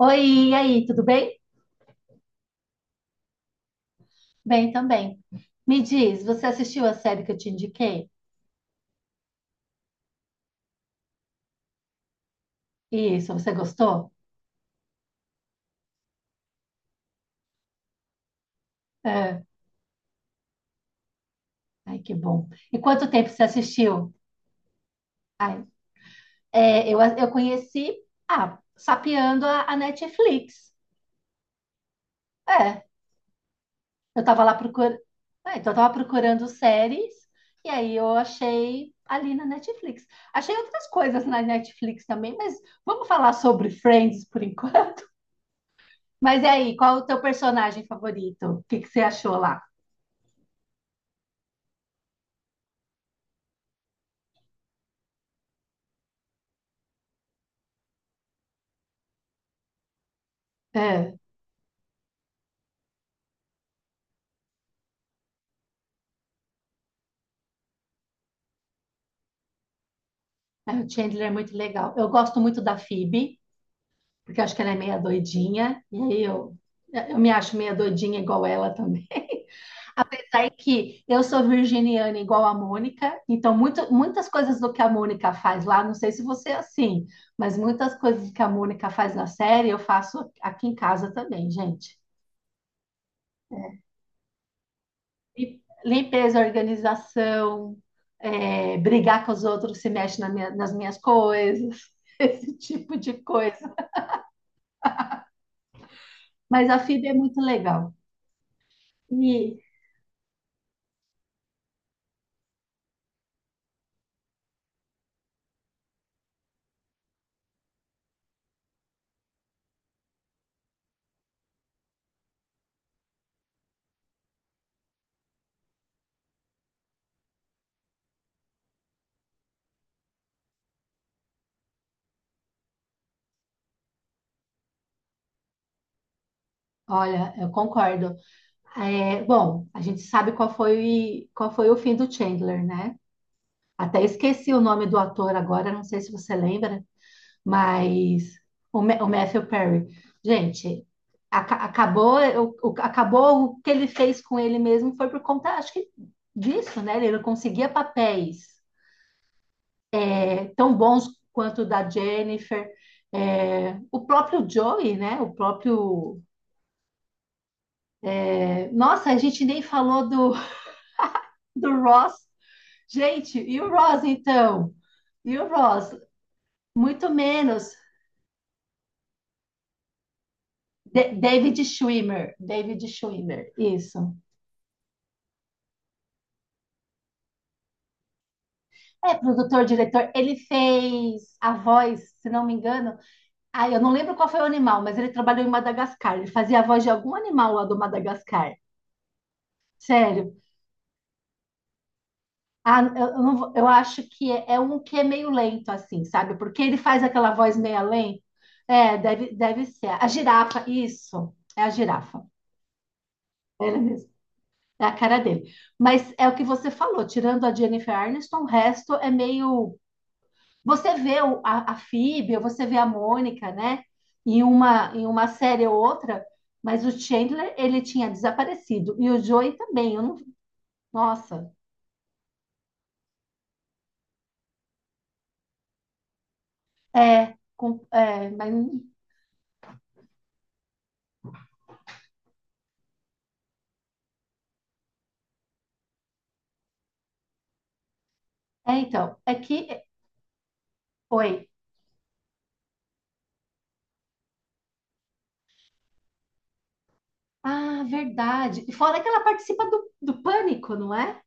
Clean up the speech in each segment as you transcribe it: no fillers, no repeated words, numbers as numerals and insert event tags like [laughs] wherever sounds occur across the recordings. Oi, e aí, tudo bem? Bem também. Me diz, você assistiu a série que eu te indiquei? Isso, você gostou? É. Ai, que bom. E quanto tempo você assistiu? Ai, é, eu conheci, sapeando a Netflix. É, eu tava lá procurando, então eu tava procurando séries, e aí eu achei ali na Netflix. Achei outras coisas na Netflix também, mas vamos falar sobre Friends por enquanto. [laughs] Mas e aí, qual o teu personagem favorito? O que que você achou lá? É, é, o Chandler é muito legal. Eu gosto muito da Phoebe, porque eu acho que ela é meia doidinha, e aí eu me acho meia doidinha igual ela também. [laughs] Daí que eu sou virginiana igual a Mônica, então muitas coisas do que a Mônica faz lá, não sei se você é assim, mas muitas coisas que a Mônica faz na série eu faço aqui em casa também, gente. Limpeza, organização, brigar com os outros se mexe na nas minhas coisas, [laughs] esse tipo de coisa. Mas a FIB é muito legal. E, olha, eu concordo. É, bom, a gente sabe qual foi o fim do Chandler, né? Até esqueci o nome do ator agora, não sei se você lembra, mas o Matthew Perry. Gente, aca- acabou, acabou o que ele fez com ele mesmo foi por conta, acho que disso, né? Ele não conseguia papéis tão bons quanto o da Jennifer. É, o próprio Joey, né? O próprio Nossa, a gente nem falou do, [laughs] do Ross. Gente, e o Ross então? E o Ross? Muito menos. David Schwimmer. David Schwimmer, isso. É produtor, diretor. Ele fez a voz, se não me engano. Ah, eu não lembro qual foi o animal, mas ele trabalhou em Madagascar. Ele fazia a voz de algum animal lá do Madagascar. Sério. Ah, eu não vou- eu acho que é um que é meio lento, assim, sabe? Porque ele faz aquela voz meio lenta. É, deve ser. A girafa, isso. É a girafa. É ele mesmo. É a cara dele. Mas é o que você falou, tirando a Jennifer Aniston, o resto é meio. Você vê a Phoebe, ou você vê a Mônica, né? Em uma série ou outra, mas o Chandler, ele tinha desaparecido. E o Joey também. Eu não. Nossa. É, é, mas. É, então, é que foi. Ah, verdade. E fora que ela participa do, do Pânico, não é?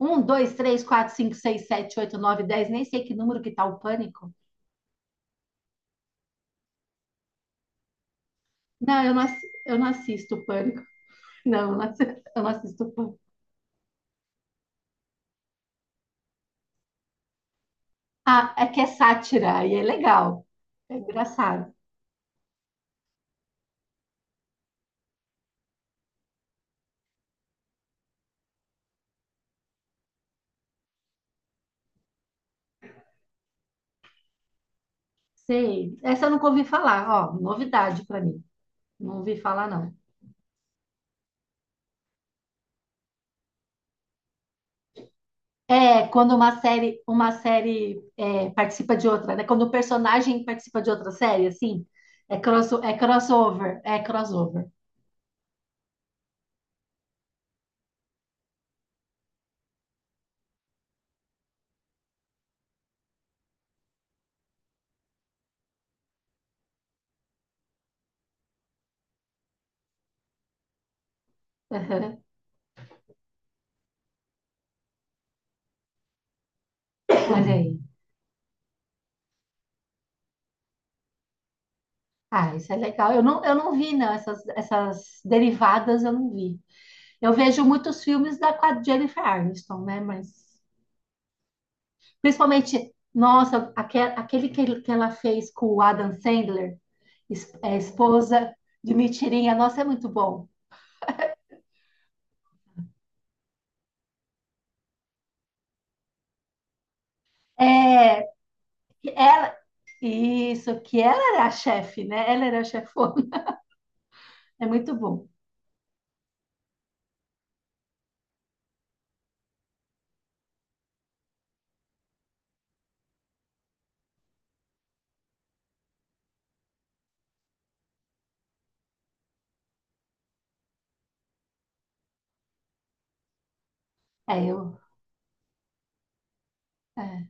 Um, dois, três, quatro, cinco, seis, sete, oito, nove, dez. Nem sei que número que tá o Pânico. Não, eu não, eu não assisto o Pânico. [laughs] Não, eu não eu não assisto o Pânico. Ah, é que é sátira e é legal. É engraçado. Sei. Essa eu nunca ouvi falar. Ó, novidade pra mim. Não ouvi falar, não. É, quando uma série é, participa de outra, né? Quando o personagem participa de outra série, assim, é, é crossover, é crossover. [laughs] Aham. Olha aí. Ah, isso é legal. Eu não vi, não, essas derivadas eu não vi. Eu vejo muitos filmes da com a Jennifer Aniston, né? Mas principalmente, nossa, aquele que, que ela fez com o Adam Sandler, esposa de mentirinha, nossa, é muito bom. É, que ela, isso, que ela era a chefe, né? Ela era a chefona. [laughs] É muito bom. É, eu. É.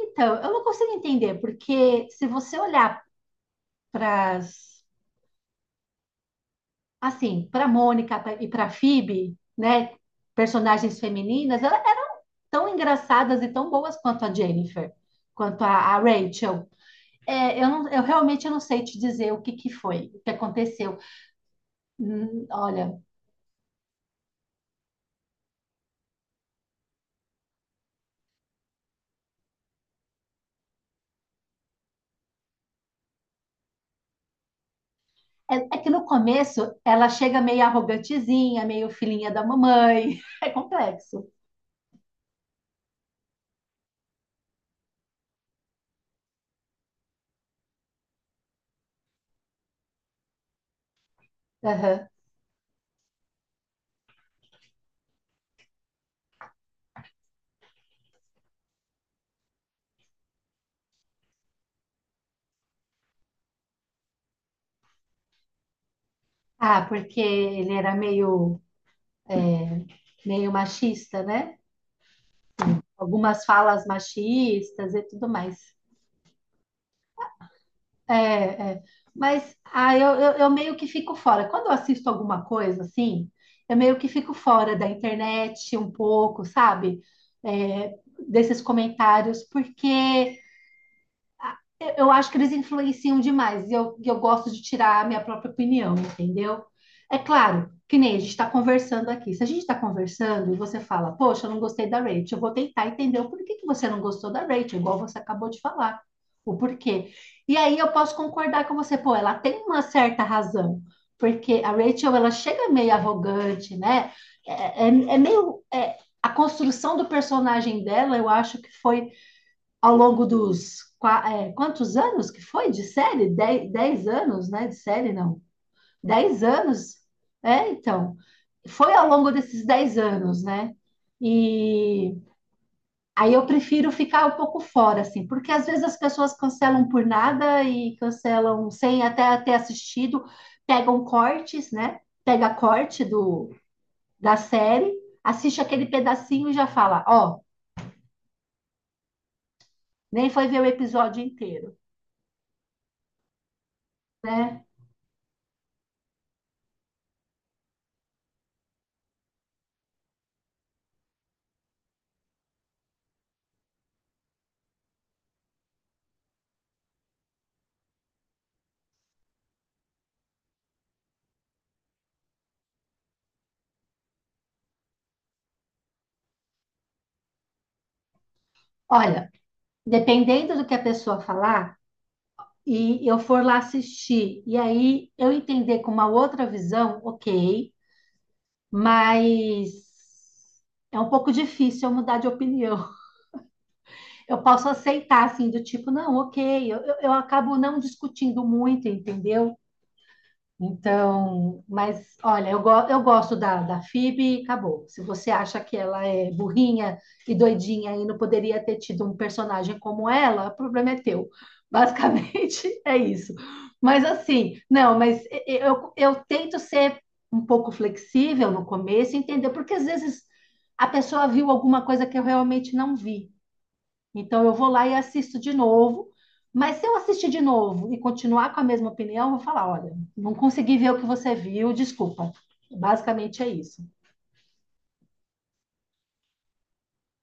Então, eu não consigo entender, porque se você olhar para assim, para Mônica e para Phoebe, né, personagens femininas, elas eram tão engraçadas e tão boas quanto a Jennifer, quanto a Rachel. É, eu realmente não sei te dizer o que que foi, o que aconteceu. Olha, é que no começo ela chega meio arrogantezinha, meio filhinha da mamãe. [laughs] É complexo. Aham. Ah, porque ele era meio machista, né? Algumas falas machistas e tudo mais. É, é. Mas eu meio que fico fora. Quando eu assisto alguma coisa assim, eu meio que fico fora da internet um pouco, sabe? É, desses comentários, porque eu acho que eles influenciam demais e eu gosto de tirar a minha própria opinião, entendeu? É claro, que nem a gente está conversando aqui. Se a gente está conversando e você fala, poxa, eu não gostei da Rachel, eu vou tentar entender o porquê que você não gostou da Rachel, igual você acabou de falar, o porquê. E aí eu posso concordar com você, pô, ela tem uma certa razão, porque a Rachel, ela chega meio arrogante, né? É meio. A construção do personagem dela, eu acho que foi ao longo dos quantos anos que foi de série? Dez anos, né? De série, não. 10 anos. É, então. Foi ao longo desses 10 anos, né? E aí eu prefiro ficar um pouco fora, assim, porque às vezes as pessoas cancelam por nada e cancelam sem até ter assistido, pegam cortes, né? Pega corte da série, assiste aquele pedacinho e já fala, ó, nem foi ver o episódio inteiro, né? Olha, dependendo do que a pessoa falar, e eu for lá assistir, e aí eu entender com uma outra visão, ok, mas é um pouco difícil eu mudar de opinião. [laughs] Eu posso aceitar, assim, do tipo, não, ok, eu acabo não discutindo muito, entendeu? Então, mas olha, eu gosto da FIB e acabou. Se você acha que ela é burrinha e doidinha e não poderia ter tido um personagem como ela, o problema é teu. Basicamente [laughs] é isso. Mas assim, não, mas eu tento ser um pouco flexível no começo, e entender, porque às vezes a pessoa viu alguma coisa que eu realmente não vi. Então eu vou lá e assisto de novo. Mas se eu assistir de novo e continuar com a mesma opinião, eu vou falar, olha, não consegui ver o que você viu, desculpa. Basicamente é isso.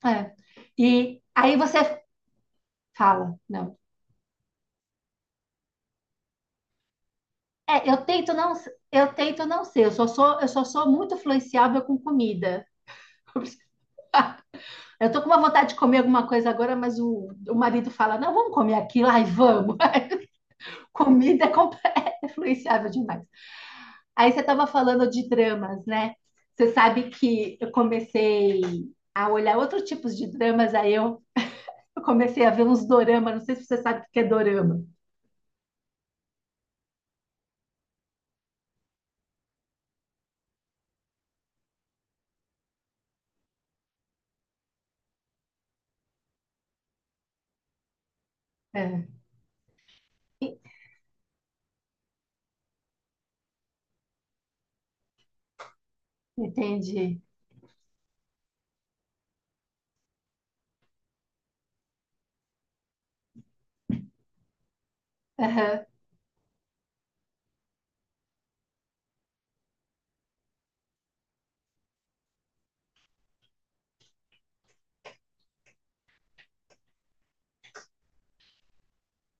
É. E aí você fala, não. É, eu tento não ser, eu só sou muito influenciável com comida. [laughs] Eu tô com uma vontade de comer alguma coisa agora, mas o marido fala, não, vamos comer aquilo, ai, vamos. [laughs] Comida é influenciável demais. Aí você estava falando de dramas, né? Você sabe que eu comecei a olhar outros tipos de dramas, aí eu comecei a ver uns dorama, não sei se você sabe o que é dorama. É, E- entendi. Aham.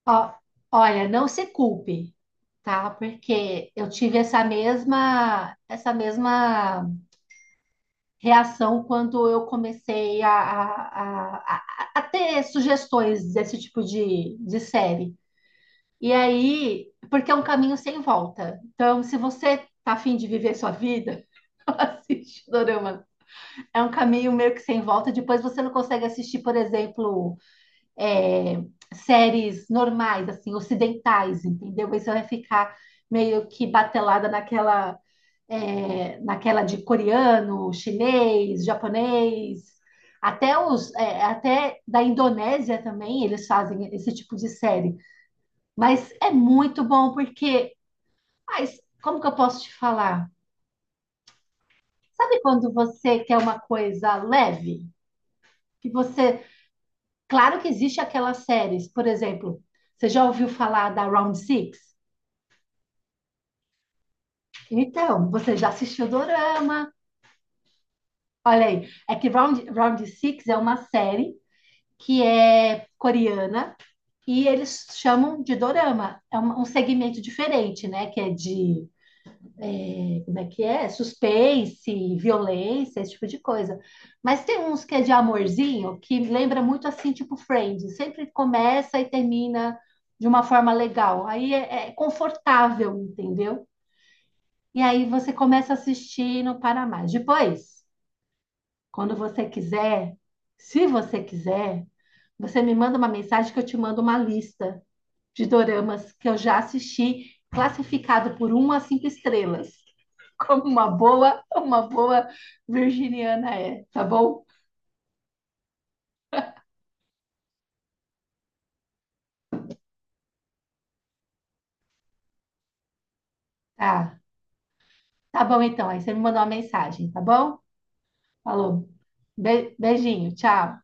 Ó, olha, não se culpe, tá? Porque eu tive essa mesma reação quando eu comecei a ter sugestões desse tipo de série. E aí, porque é um caminho sem volta. Então, se você tá afim de viver sua vida, [laughs] assiste Dorama. É um caminho meio que sem volta. Depois você não consegue assistir, por exemplo, é, séries normais, assim, ocidentais, entendeu? Aí você vai ficar meio que batelada naquela de coreano, chinês, japonês. Até da Indonésia também eles fazem esse tipo de série. Mas é muito bom mas como que eu posso te falar? Sabe quando você quer uma coisa leve? Que você, claro que existe aquelas séries, por exemplo, você já ouviu falar da Round Six? Então, você já assistiu Dorama? Olha aí, é que Round Six é uma série que é coreana e eles chamam de Dorama. É um segmento diferente, né? Que é de como é que é? Suspense, violência, esse tipo de coisa. Mas tem uns que é de amorzinho, que lembra muito assim, tipo Friends. Sempre começa e termina de uma forma legal. Aí é confortável, entendeu? E aí você começa a assistir e não para mais. Depois, quando você quiser, se você quiser, você me manda uma mensagem que eu te mando uma lista de doramas que eu já assisti, classificado por uma a cinco estrelas como uma boa virginiana tá bom? Tá, tá bom então. Aí você me mandou uma mensagem, tá bom? Falou. Beijinho, tchau.